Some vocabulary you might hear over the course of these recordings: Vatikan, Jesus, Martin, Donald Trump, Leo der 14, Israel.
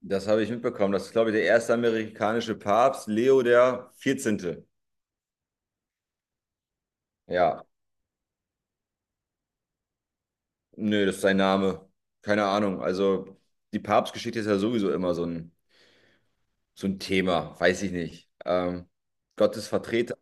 Das habe ich mitbekommen. Das ist, glaube ich, der erste amerikanische Papst, Leo der 14. Ja, nö, das ist sein Name. Keine Ahnung. Also die Papstgeschichte ist ja sowieso immer so ein Thema. Weiß ich nicht. Gottes Vertreter.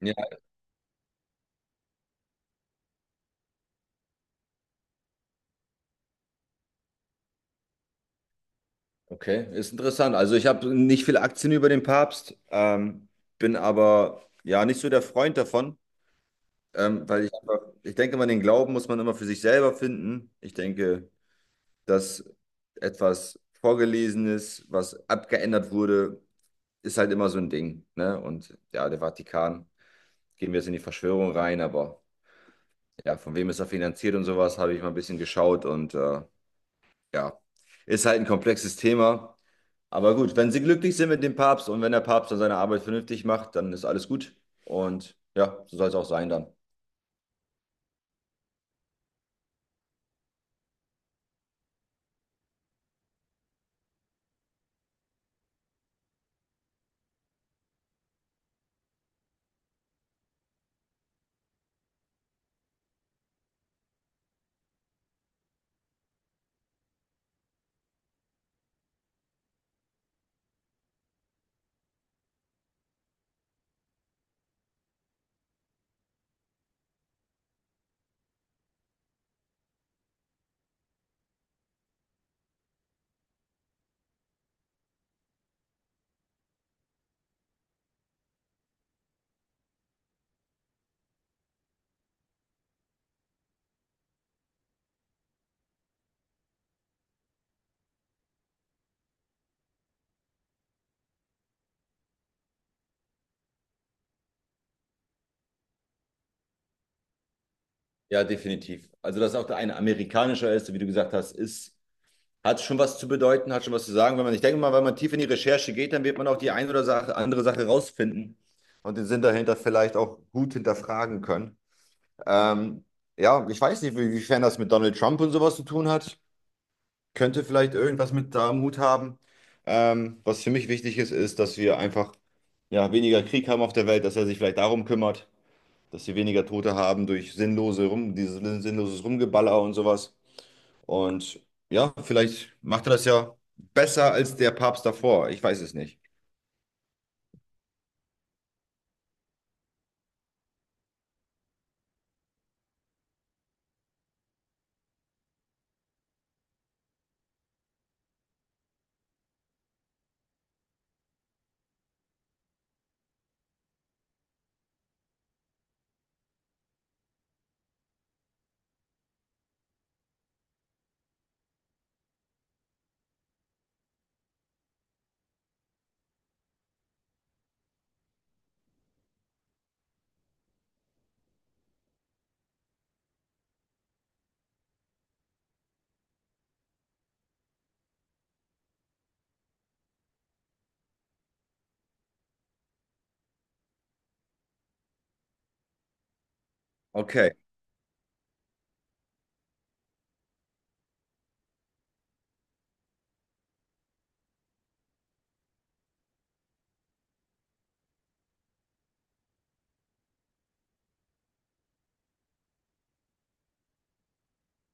Ja, okay. Ist interessant. Also ich habe nicht viele Aktien über den Papst, bin aber ja nicht so der Freund davon, weil ich einfach, ich denke, man den Glauben muss man immer für sich selber finden. Ich denke, dass etwas Vorgelesenes, was abgeändert wurde, ist halt immer so ein Ding, ne? Und ja, der Vatikan, gehen wir jetzt in die Verschwörung rein, aber ja, von wem ist er finanziert und sowas, habe ich mal ein bisschen geschaut und, ja, ist halt ein komplexes Thema. Aber gut, wenn sie glücklich sind mit dem Papst und wenn der Papst dann seine Arbeit vernünftig macht, dann ist alles gut. Und ja, so soll es auch sein dann. Ja, definitiv. Also, dass auch der eine amerikanischer ist, wie du gesagt hast, ist hat schon was zu bedeuten, hat schon was zu sagen. Wenn man, ich denke mal, wenn man tief in die Recherche geht, dann wird man auch die eine oder Sache, andere Sache rausfinden und den Sinn dahinter vielleicht auch gut hinterfragen können. Ähm, ja, ich weiß nicht, inwiefern das mit Donald Trump und sowas zu tun hat. Könnte vielleicht irgendwas mit da am Hut haben. Was für mich wichtig ist, ist, dass wir einfach ja, weniger Krieg haben auf der Welt, dass er sich vielleicht darum kümmert, dass wir weniger Tote haben durch sinnlose Rum, dieses sinnloses Rumgeballer und sowas. Und ja, vielleicht macht er das ja besser als der Papst davor. Ich weiß es nicht. Okay.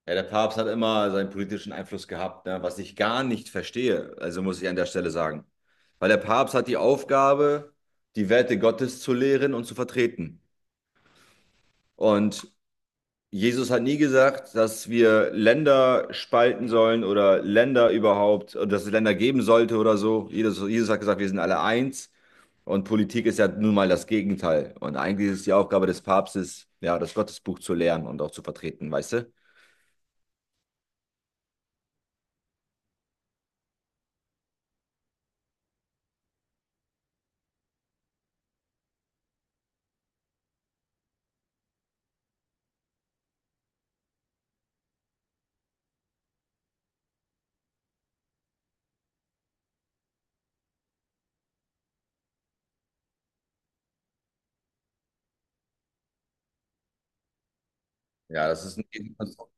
Ja, der Papst hat immer seinen politischen Einfluss gehabt, ne? Was ich gar nicht verstehe, also muss ich an der Stelle sagen. Weil der Papst hat die Aufgabe, die Werte Gottes zu lehren und zu vertreten. Und Jesus hat nie gesagt, dass wir Länder spalten sollen oder Länder überhaupt, oder dass es Länder geben sollte oder so. Jesus hat gesagt, wir sind alle eins und Politik ist ja nun mal das Gegenteil. Und eigentlich ist es die Aufgabe des Papstes, ja, das Gottesbuch zu lernen und auch zu vertreten, weißt du? Ja, das ist ein Gegenkonstrukt.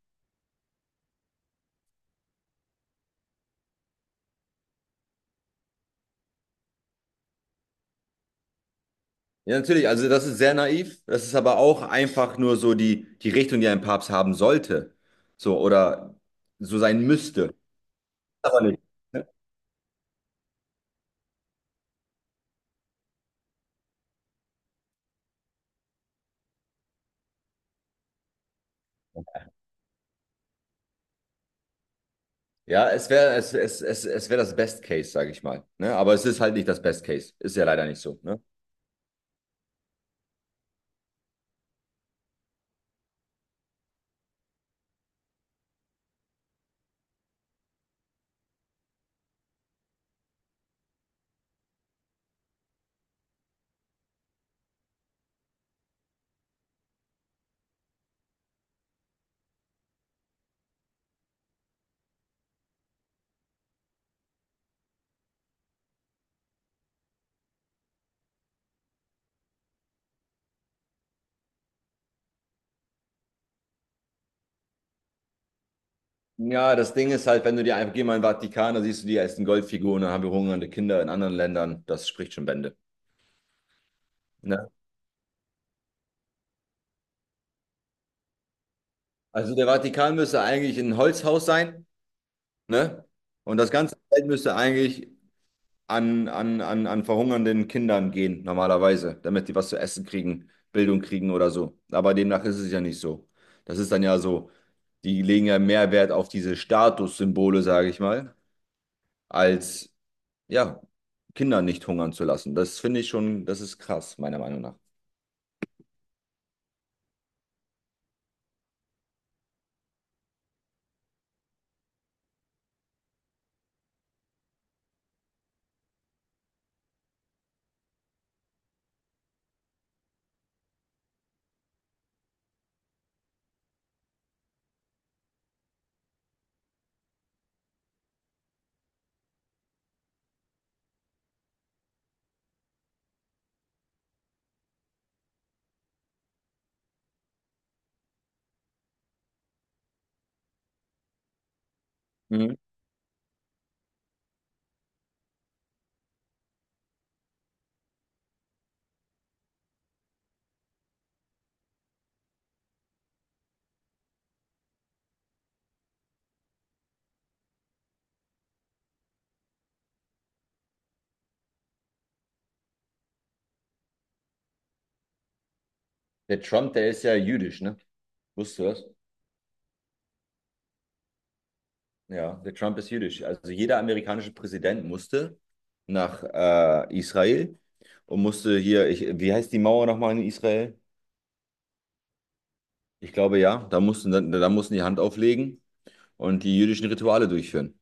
Ja, natürlich, also das ist sehr naiv. Das ist aber auch einfach nur so die, die Richtung, die ein Papst haben sollte. So, oder so sein müsste. Aber nicht. Ja, es wäre es, wär das Best Case, sage ich mal. Ne? Aber es ist halt nicht das Best Case. Ist ja leider nicht so. Ne? Ja, das Ding ist halt, wenn du dir einfach geh mal in den Vatikan, da siehst du die ersten Goldfiguren, dann haben wir hungernde Kinder in anderen Ländern. Das spricht schon Bände. Ne? Also der Vatikan müsste eigentlich ein Holzhaus sein, ne? Und das ganze Feld müsste eigentlich an verhungernden Kindern gehen, normalerweise, damit die was zu essen kriegen, Bildung kriegen oder so. Aber demnach ist es ja nicht so. Das ist dann ja so, die legen ja mehr Wert auf diese Statussymbole, sage ich mal, als, ja, Kinder nicht hungern zu lassen. Das finde ich schon, das ist krass, meiner Meinung nach. Mhm. Der Trump, der ist ja jüdisch, ne? Wusstest du das? Ja, der Trump ist jüdisch. Also jeder amerikanische Präsident musste nach Israel und musste hier, ich, wie heißt die Mauer nochmal in Israel? Ich glaube ja, da mussten, da mussten die Hand auflegen und die jüdischen Rituale durchführen.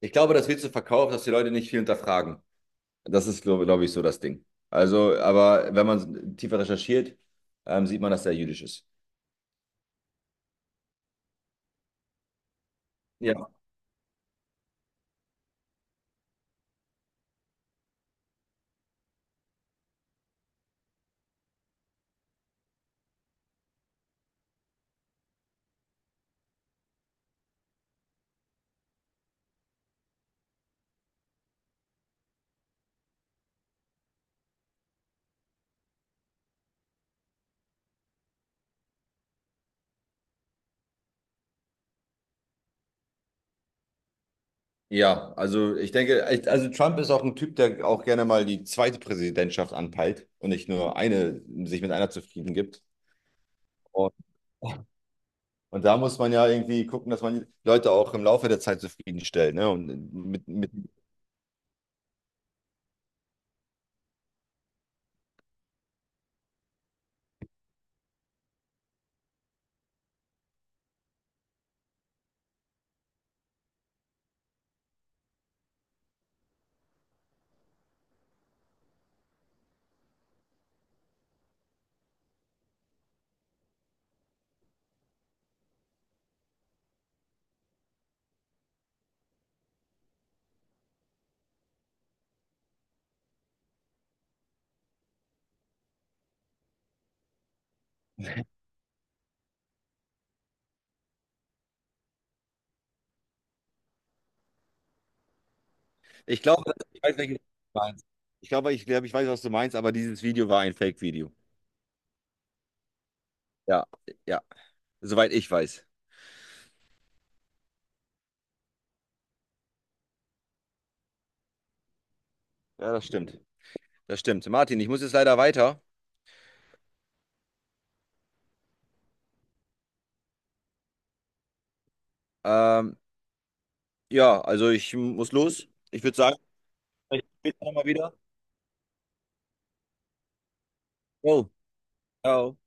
Ich glaube, das wird so verkauft, dass die Leute nicht viel hinterfragen. Das ist, glaube ich, so das Ding. Also, aber wenn man tiefer recherchiert, sieht man, dass der jüdisch ist. Ja. Ja, also ich denke, echt, also Trump ist auch ein Typ, der auch gerne mal die zweite Präsidentschaft anpeilt und nicht nur eine, sich mit einer zufrieden gibt. Und, und da muss man ja irgendwie gucken, dass man die Leute auch im Laufe der Zeit zufriedenstellt. Ne? Und mit, mit, ich glaube, ich weiß, welches du meinst. Ich glaube, ich weiß, was du meinst, aber dieses Video war ein Fake-Video. Ja, ja, soweit ich weiß. Ja, das stimmt. Das stimmt. Martin, ich muss jetzt leider weiter. Ähm, ja, also ich muss los. Ich würde sagen, vielleicht später nochmal wieder. Jo. Oh.